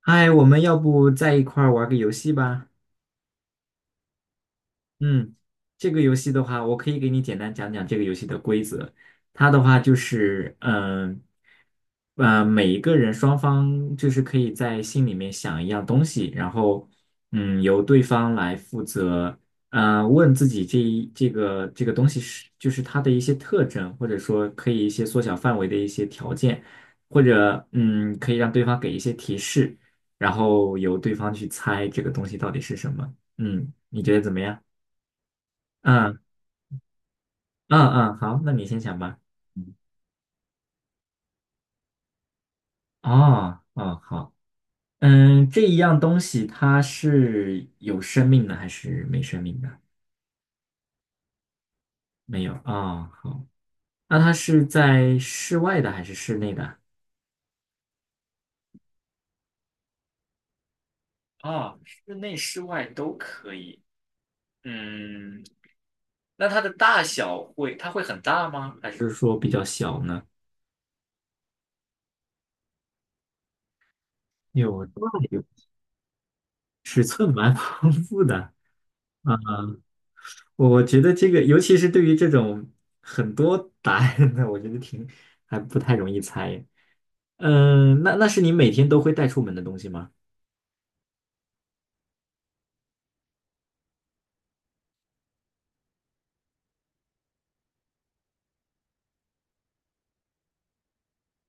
嗨，我们要不在一块儿玩个游戏吧？嗯，这个游戏的话，我可以给你简单讲讲这个游戏的规则。它的话就是，每一个人双方就是可以在心里面想一样东西，然后，嗯，由对方来负责，问自己这个东西是就是它的一些特征，或者说可以一些缩小范围的一些条件，或者嗯，可以让对方给一些提示，然后由对方去猜这个东西到底是什么。嗯，你觉得怎么样？嗯嗯，好，那你先想吧。嗯，哦，好，嗯，这一样东西它是有生命的还是没生命的？没有。哦，好，那它是在室外的还是室内的？哦，室内室外都可以。嗯，那它的大小会，它会很大吗？还是就是说比较小呢？有大有丰富的。啊。我觉得这个，尤其是对于这种很多答案的，我觉得挺还不太容易猜。嗯，那那是你每天都会带出门的东西吗？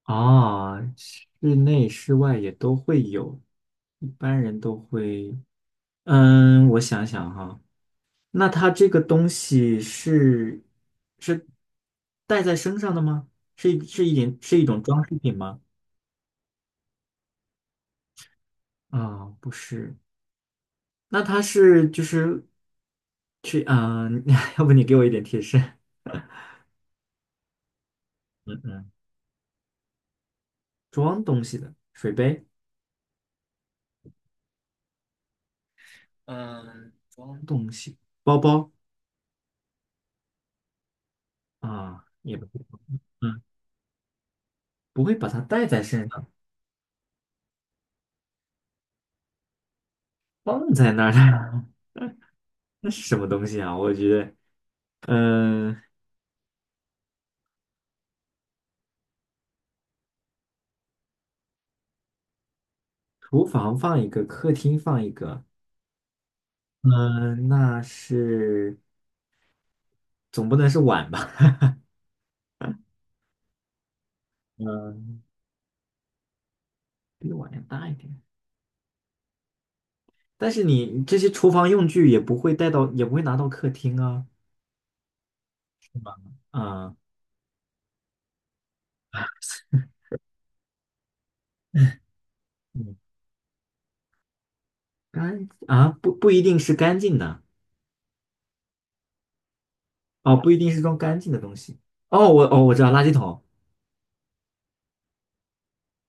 哦，室内室外也都会有，一般人都会。嗯，我想想哈，那它这个东西是带在身上的吗？是一是一点是一种装饰品吗？啊，不是。那他是就是去啊？要不你给我一点提示？嗯嗯装东西的水杯，嗯，装东西，包包啊，也不会，嗯，不会把它带在身上，放在那儿的，那是什么东西啊？我觉得，嗯、厨房放一个，客厅放一个，嗯、那是总不能是碗吧？嗯、比碗要大一点。但是你这些厨房用具也不会带到，也不会拿到客厅啊，啊、嗯，干啊，不一定是干净的哦，不一定是装干净的东西。哦，我知道垃圾桶。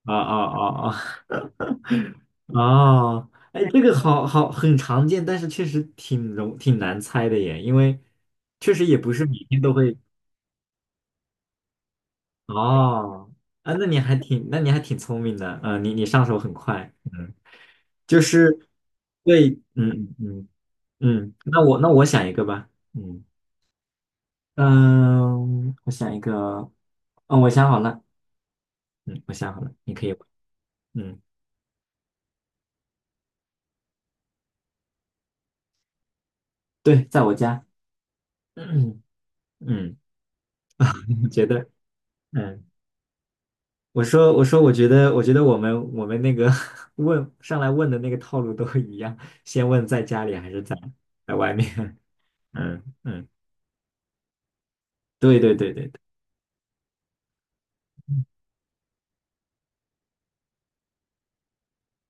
啊啊啊啊 哦，哎，这个好很常见，但是确实挺难猜的耶，因为确实也不是每天都会。哦，啊，那你还挺聪明的，嗯、你你上手很快，嗯，就是对，嗯嗯嗯，那我想一个吧，嗯嗯，我想一个，嗯，我想好了，嗯，我想好了，你可以问嗯，对，在我家，嗯，你觉得，嗯，我觉得，我们那个 问上来问的那个套路都一样，先问在家里还是在外面，嗯嗯，对。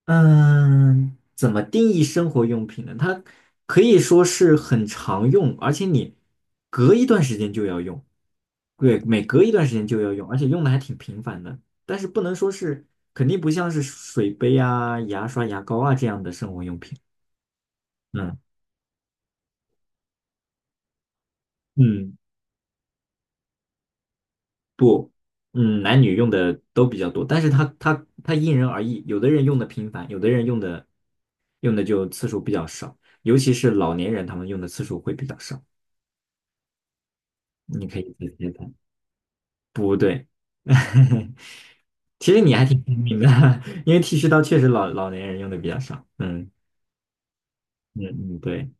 嗯，怎么定义生活用品呢？它可以说是很常用，而且你隔一段时间就要用，对，每隔一段时间就要用，而且用的还挺频繁的。但是不能说是，肯定不像是水杯啊、牙刷、牙膏啊这样的生活用品。嗯嗯，不，嗯，男女用的都比较多，但是它因人而异，有的人用的频繁，有的人用的用的就次数比较少，尤其是老年人，他们用的次数会比较少。你可以自己的，不对，其实你还挺聪明的，因为剃须刀确实老年人用的比较少。嗯嗯嗯，对，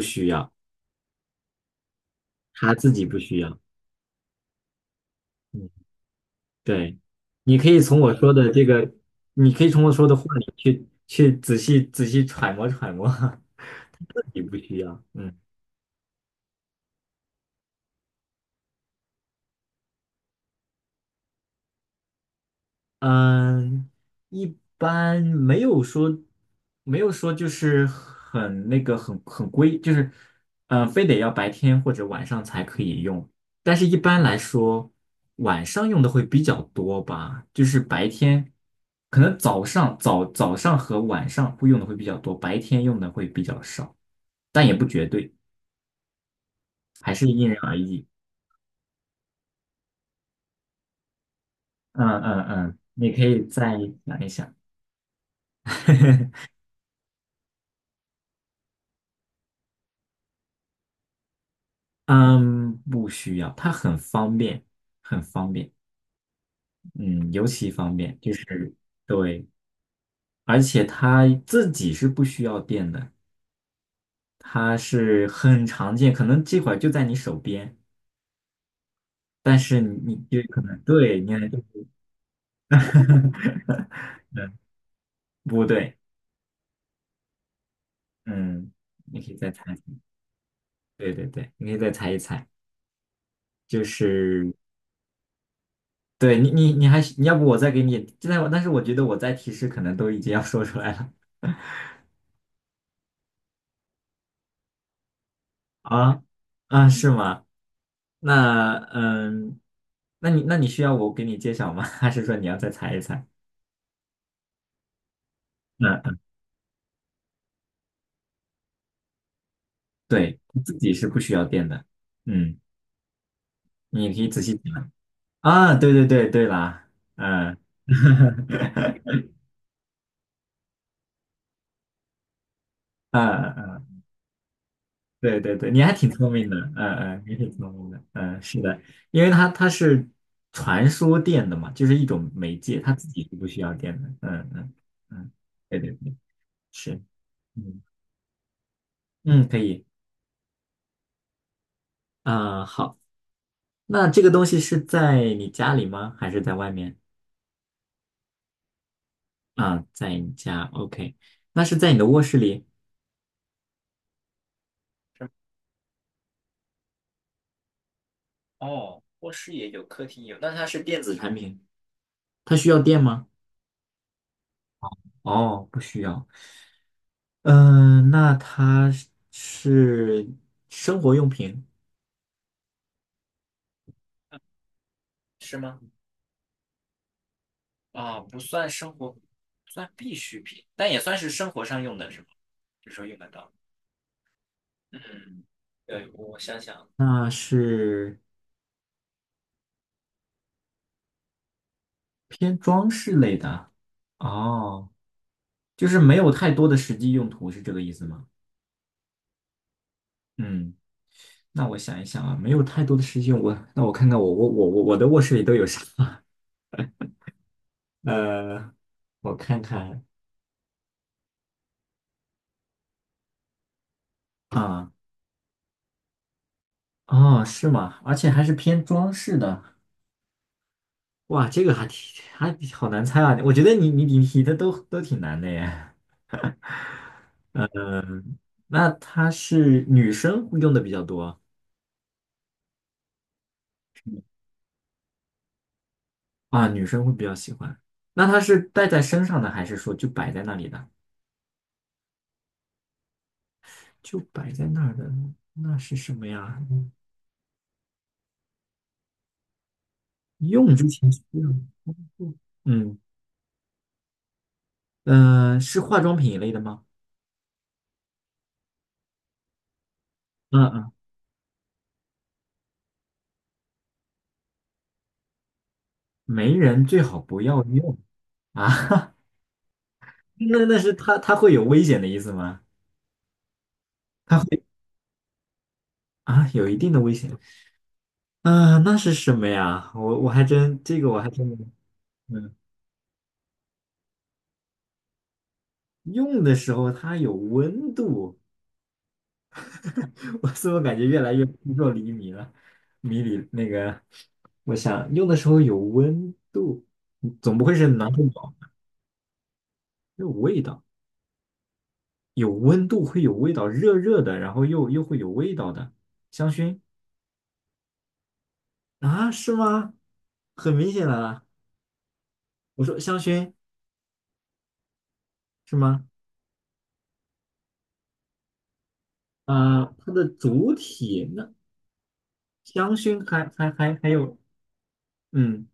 不需要，他自己不需要。嗯，对，你可以从我说的这个，你可以从我说的话里去仔细揣摩揣摩，他自己不需要。嗯。嗯，一般没有说，没有说就是很那个很很规，就是非得要白天或者晚上才可以用。但是一般来说，晚上用的会比较多吧，就是白天可能早上和晚上会用的会比较多，白天用的会比较少，但也不绝对，还是因人而异。嗯嗯嗯，你可以再想一想。嗯，不需要，它很方便，很方便，嗯，尤其方便，就是对，而且它自己是不需要电的，它是很常见，可能这会儿就在你手边，但是你就可能对，你看，不对，嗯，你可以再猜，对对对，你可以再猜一猜，就是对你还是你要不我再给你，现在我但是我觉得我在提示可能都已经要说出来了，啊啊，是吗？那嗯，那你需要我给你揭晓吗？还是说你要再猜一猜？嗯，对，自己是不需要电的。嗯，你可以仔细讲啊。对对对对啦，嗯，嗯嗯，嗯对对对，你还挺聪明的，嗯嗯，你挺聪明的，嗯，是的，因为它是传输电的嘛，就是一种媒介，它自己是不需要电的。嗯嗯嗯，对对对，是，嗯嗯，可以。啊，好，那这个东西是在你家里吗？还是在外面？啊，在你家，OK，那是在你的卧室里。是哦，卧室也有，客厅也有，那它是电子产品，它需要电吗？哦，不需要。嗯、那它是生活用品。是吗？啊，不算生活，算必需品，但也算是生活上用的，是吗？有时候用得到。嗯，对，我想想，那是偏装饰类的哦，就是没有太多的实际用途，是这个意思吗？嗯，那我想一想啊，没有太多的实际用，我那我看看我的卧室里都有啥？呃，我看看啊，哦，是吗？而且还是偏装饰的，哇，这个还挺还好难猜啊！我觉得你的都都挺难的耶。嗯，那它是女生会用的比较多啊，女生会比较喜欢。那它是戴在身上的，还是说就摆在那里的？就摆在那儿的，那是什么呀？用之前需要，嗯嗯、是化妆品一类的吗？嗯嗯，没人最好不要用啊。那那是它会有危险的意思吗？它会啊，有一定的危险啊、那是什么呀？我还真这个我还真没嗯，用的时候它有温度，我怎么感觉越来越扑朔迷离了？迷离那个，我想用的时候有温度，总不会是暖手宝。有味道，有温度会有味道，热热的，然后又会有味道的香薰啊？是吗？很明显的，啊，我说香薰是吗？啊、它的主体那香薰还有嗯，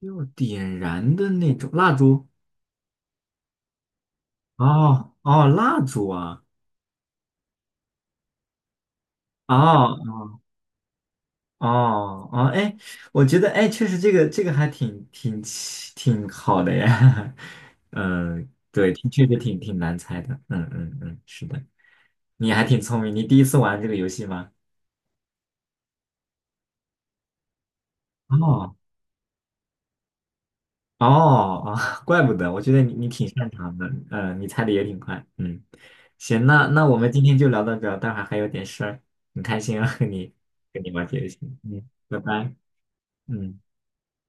要点燃的那种蜡烛哦，蜡烛啊哦哦，哎，我觉得哎，确实这个还挺好的呀，嗯，对，确实挺难猜的，嗯嗯嗯，是的，你还挺聪明，你第一次玩这个游戏吗？哦哦哦，怪不得，我觉得你你挺擅长的，呃，你猜的也挺快，嗯，行，那我们今天就聊到这儿，待会儿还有点事儿，很开心啊，跟你玩这个游戏，嗯，拜拜，嗯。